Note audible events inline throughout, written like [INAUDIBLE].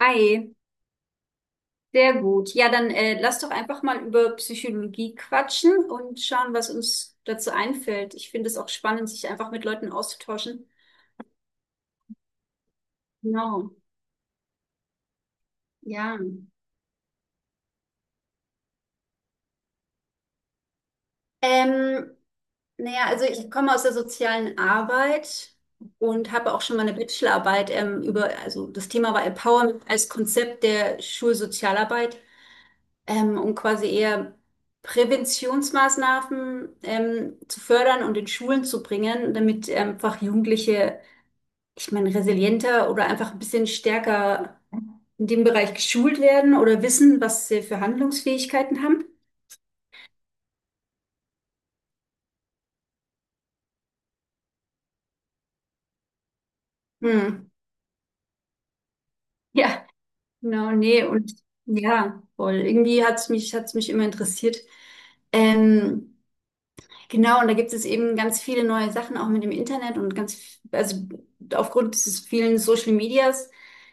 Hi, sehr gut. Ja, dann lass doch einfach mal über Psychologie quatschen und schauen, was uns dazu einfällt. Ich finde es auch spannend, sich einfach mit Leuten auszutauschen. Genau, ja. Ähm, naja, also ich komme aus der sozialen Arbeit und habe auch schon mal eine Bachelorarbeit über, also das Thema war Empowerment als Konzept der Schulsozialarbeit, um quasi eher Präventionsmaßnahmen zu fördern und in Schulen zu bringen, damit einfach Jugendliche, ich meine, resilienter oder einfach ein bisschen stärker in dem Bereich geschult werden oder wissen, was sie für Handlungsfähigkeiten haben. Hm. [LAUGHS] Ja, genau, nee, und ja, voll. Irgendwie hat's mich immer interessiert. Ähm, Genau, und da gibt es eben ganz viele neue Sachen auch mit dem Internet und ganz, also aufgrund dieses vielen Social Medias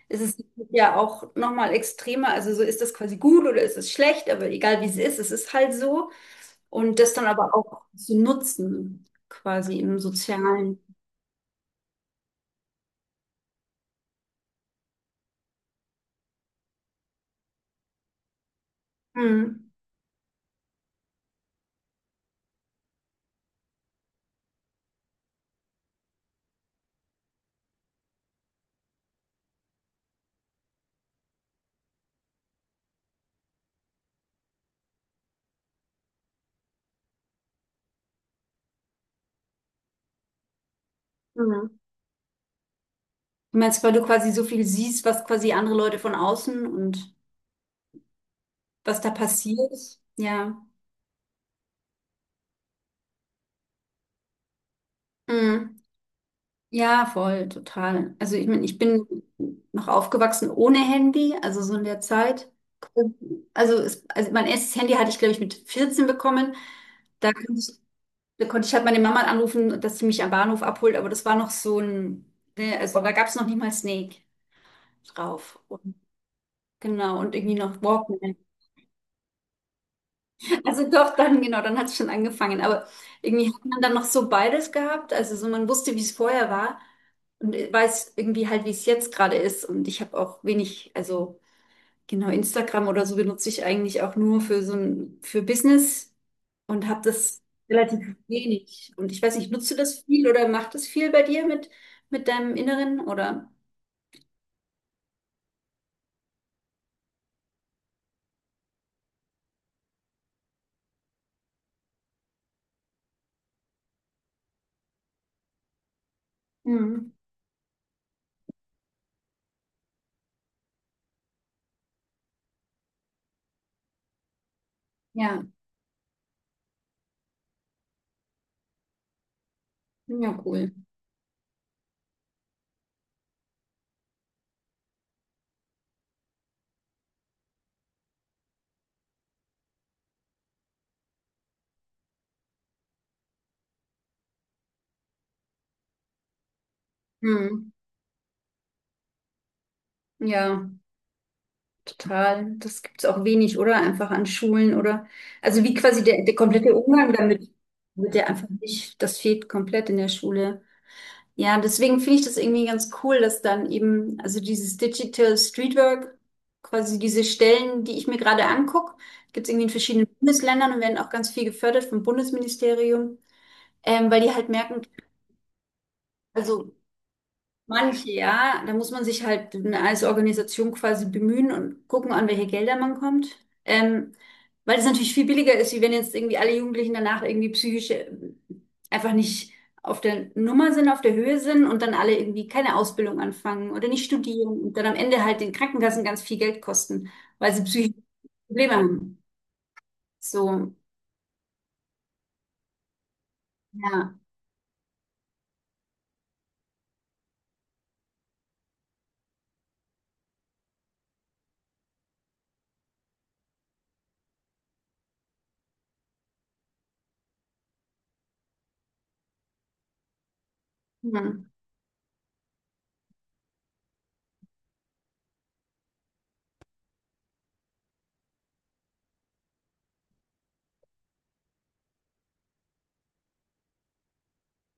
ist es ja auch nochmal extremer. Also so ist das quasi gut oder ist es schlecht, aber egal wie es ist halt so. Und das dann aber auch zu nutzen, quasi im Sozialen. Mhm. Mhm. Du meinst, weil du quasi so viel siehst, was quasi andere Leute von außen und was da passiert. Ja. Mhm. Ja, voll, total. Also ich meine, ich bin noch aufgewachsen ohne Handy, also so in der Zeit. Also, es, also mein erstes Handy hatte ich, glaube ich, mit 14 bekommen. Da konnte ich, da konnte ich halt meine Mama anrufen, dass sie mich am Bahnhof abholt, aber das war noch so ein, ne, also da gab es noch nicht mal Snake drauf. Und, genau, und irgendwie noch Walkman. Also doch, dann, genau, dann hat es schon angefangen. Aber irgendwie hat man dann noch so beides gehabt. Also so man wusste, wie es vorher war und weiß irgendwie halt, wie es jetzt gerade ist. Und ich habe auch wenig, also genau, Instagram oder so benutze ich eigentlich auch nur für so ein, für Business und habe das relativ wenig. Und ich weiß nicht, nutzt du das viel oder macht das viel bei dir mit deinem Inneren oder? Mhm. Ja, ja, cool. Mhm. Ja. Total. Das gibt es auch wenig, oder? Einfach an Schulen oder. Also wie quasi der, der komplette Umgang damit wird ja einfach nicht, das fehlt komplett in der Schule. Ja, deswegen finde ich das irgendwie ganz cool, dass dann eben, also dieses Digital Streetwork, quasi diese Stellen, die ich mir gerade angucke, gibt es irgendwie in verschiedenen Bundesländern und werden auch ganz viel gefördert vom Bundesministerium, weil die halt merken, also manche, ja, da muss man sich halt als Organisation quasi bemühen und gucken, an welche Gelder man kommt. Ähm, weil es natürlich viel billiger ist, wie wenn jetzt irgendwie alle Jugendlichen danach irgendwie psychisch einfach nicht auf der Nummer sind, auf der Höhe sind und dann alle irgendwie keine Ausbildung anfangen oder nicht studieren und dann am Ende halt den Krankenkassen ganz viel Geld kosten, weil sie psychische Probleme haben. So, ja. Hm.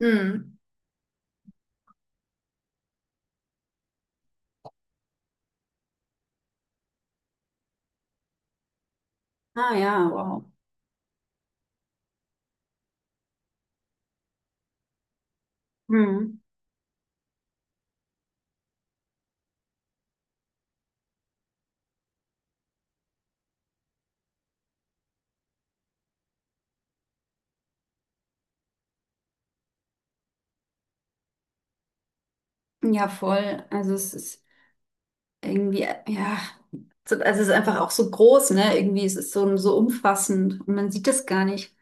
Hm. Ah ja, wow. Hm. Ja, voll. Also es ist irgendwie, ja, also es ist einfach auch so groß, ne? Irgendwie es ist so, so umfassend und man sieht das gar nicht.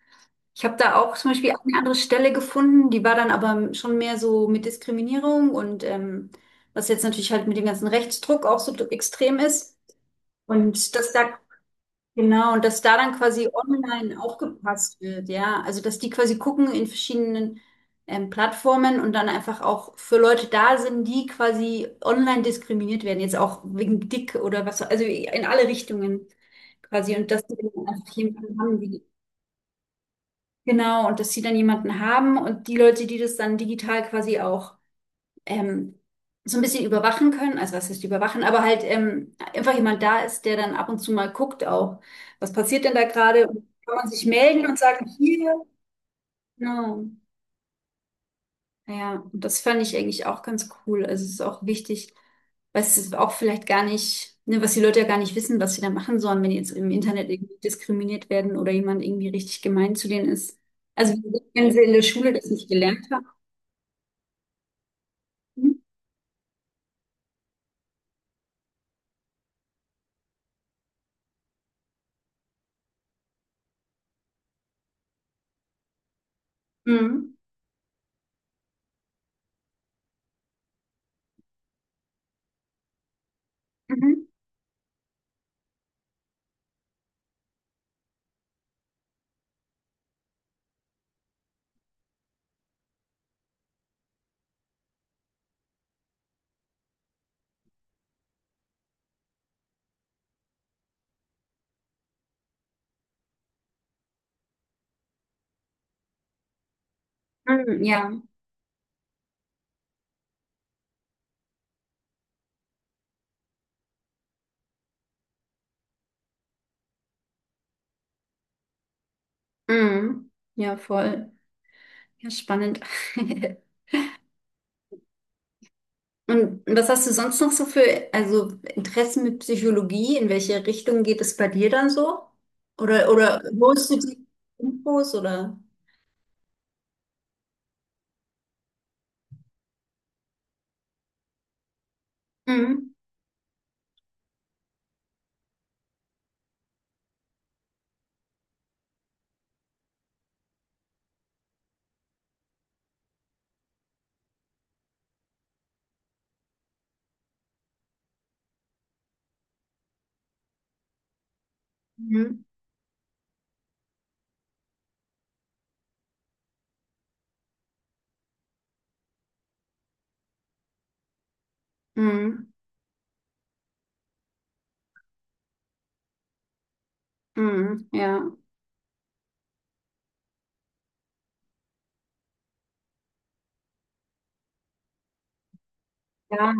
Ich habe da auch zum Beispiel eine andere Stelle gefunden, die war dann aber schon mehr so mit Diskriminierung und was jetzt natürlich halt mit dem ganzen Rechtsdruck auch so extrem ist. Und das da genau, und dass da dann quasi online aufgepasst wird, ja. Also, dass die quasi gucken in verschiedenen Plattformen und dann einfach auch für Leute da sind, die quasi online diskriminiert werden, jetzt auch wegen dick oder was, also in alle Richtungen quasi. Und dass sie dann einfach jemanden haben, die, genau, und dass sie dann jemanden haben und die Leute, die das dann digital quasi auch ähm, so ein bisschen überwachen können, also was heißt überwachen, aber halt einfach jemand da ist, der dann ab und zu mal guckt auch, was passiert denn da gerade? Und kann man sich melden und sagen, hier, genau. Ja, und das fand ich eigentlich auch ganz cool. Also es ist auch wichtig, weil es ist auch vielleicht gar nicht, ne, was die Leute ja gar nicht wissen, was sie da machen sollen, wenn die jetzt im Internet irgendwie diskriminiert werden oder jemand irgendwie richtig gemein zu denen ist. Also wenn sie in der Schule das nicht gelernt haben. Mhm. Mhm. Mhm. Ja. Mhm. Ja, voll. Ja, spannend. [LAUGHS] Und was hast du sonst noch so für, also Interessen mit Psychologie? In welche Richtung geht es bei dir dann so? Oder holst du die Infos oder? Mhm. Mhm. Mhm. Mhm. Ja. Ja.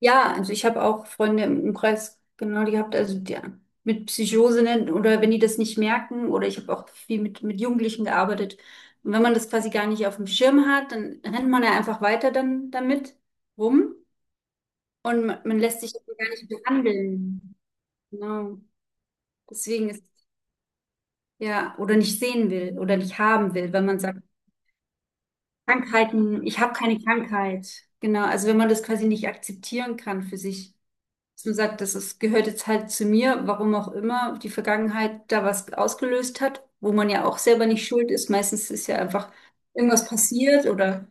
Ja, also ich habe auch Freunde im Umkreis genau die gehabt, also die mit Psychose nennen oder wenn die das nicht merken oder ich habe auch viel mit Jugendlichen gearbeitet. Und wenn man das quasi gar nicht auf dem Schirm hat, dann rennt man ja einfach weiter dann damit rum und man lässt sich ja gar nicht behandeln. Genau. Deswegen ist ja oder nicht sehen will oder nicht haben will, wenn man sagt, Krankheiten, ich habe keine Krankheit. Genau, also wenn man das quasi nicht akzeptieren kann für sich. Dass man sagt, das ist, gehört jetzt halt zu mir, warum auch immer die Vergangenheit da was ausgelöst hat, wo man ja auch selber nicht schuld ist. Meistens ist ja einfach irgendwas passiert oder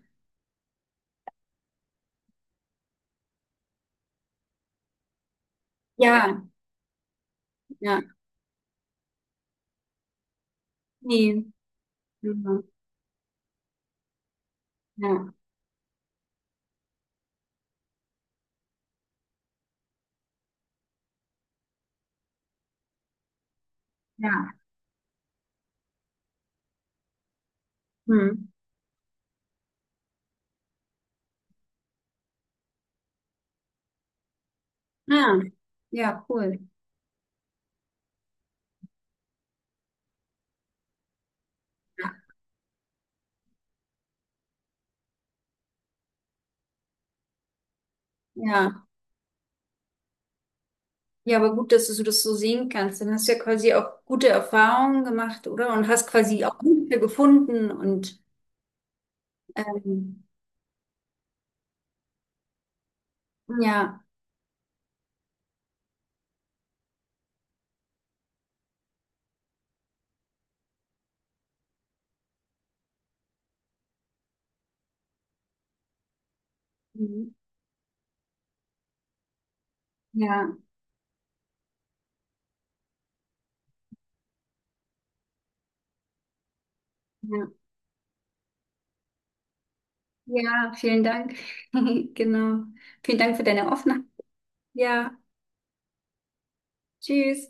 ja, ja, nee, mhm, ja, ja, hm, ja, ja, cool. Ja, ja, aber gut, dass du so das so sehen kannst. Dann hast du ja quasi auch gute Erfahrungen gemacht, oder? Und hast quasi auch Hilfe gefunden und ähm, ja, mhm, ja, ja. Ja, vielen Dank. [LAUGHS] Genau. Vielen Dank für deine Offenheit. Ja, tschüss.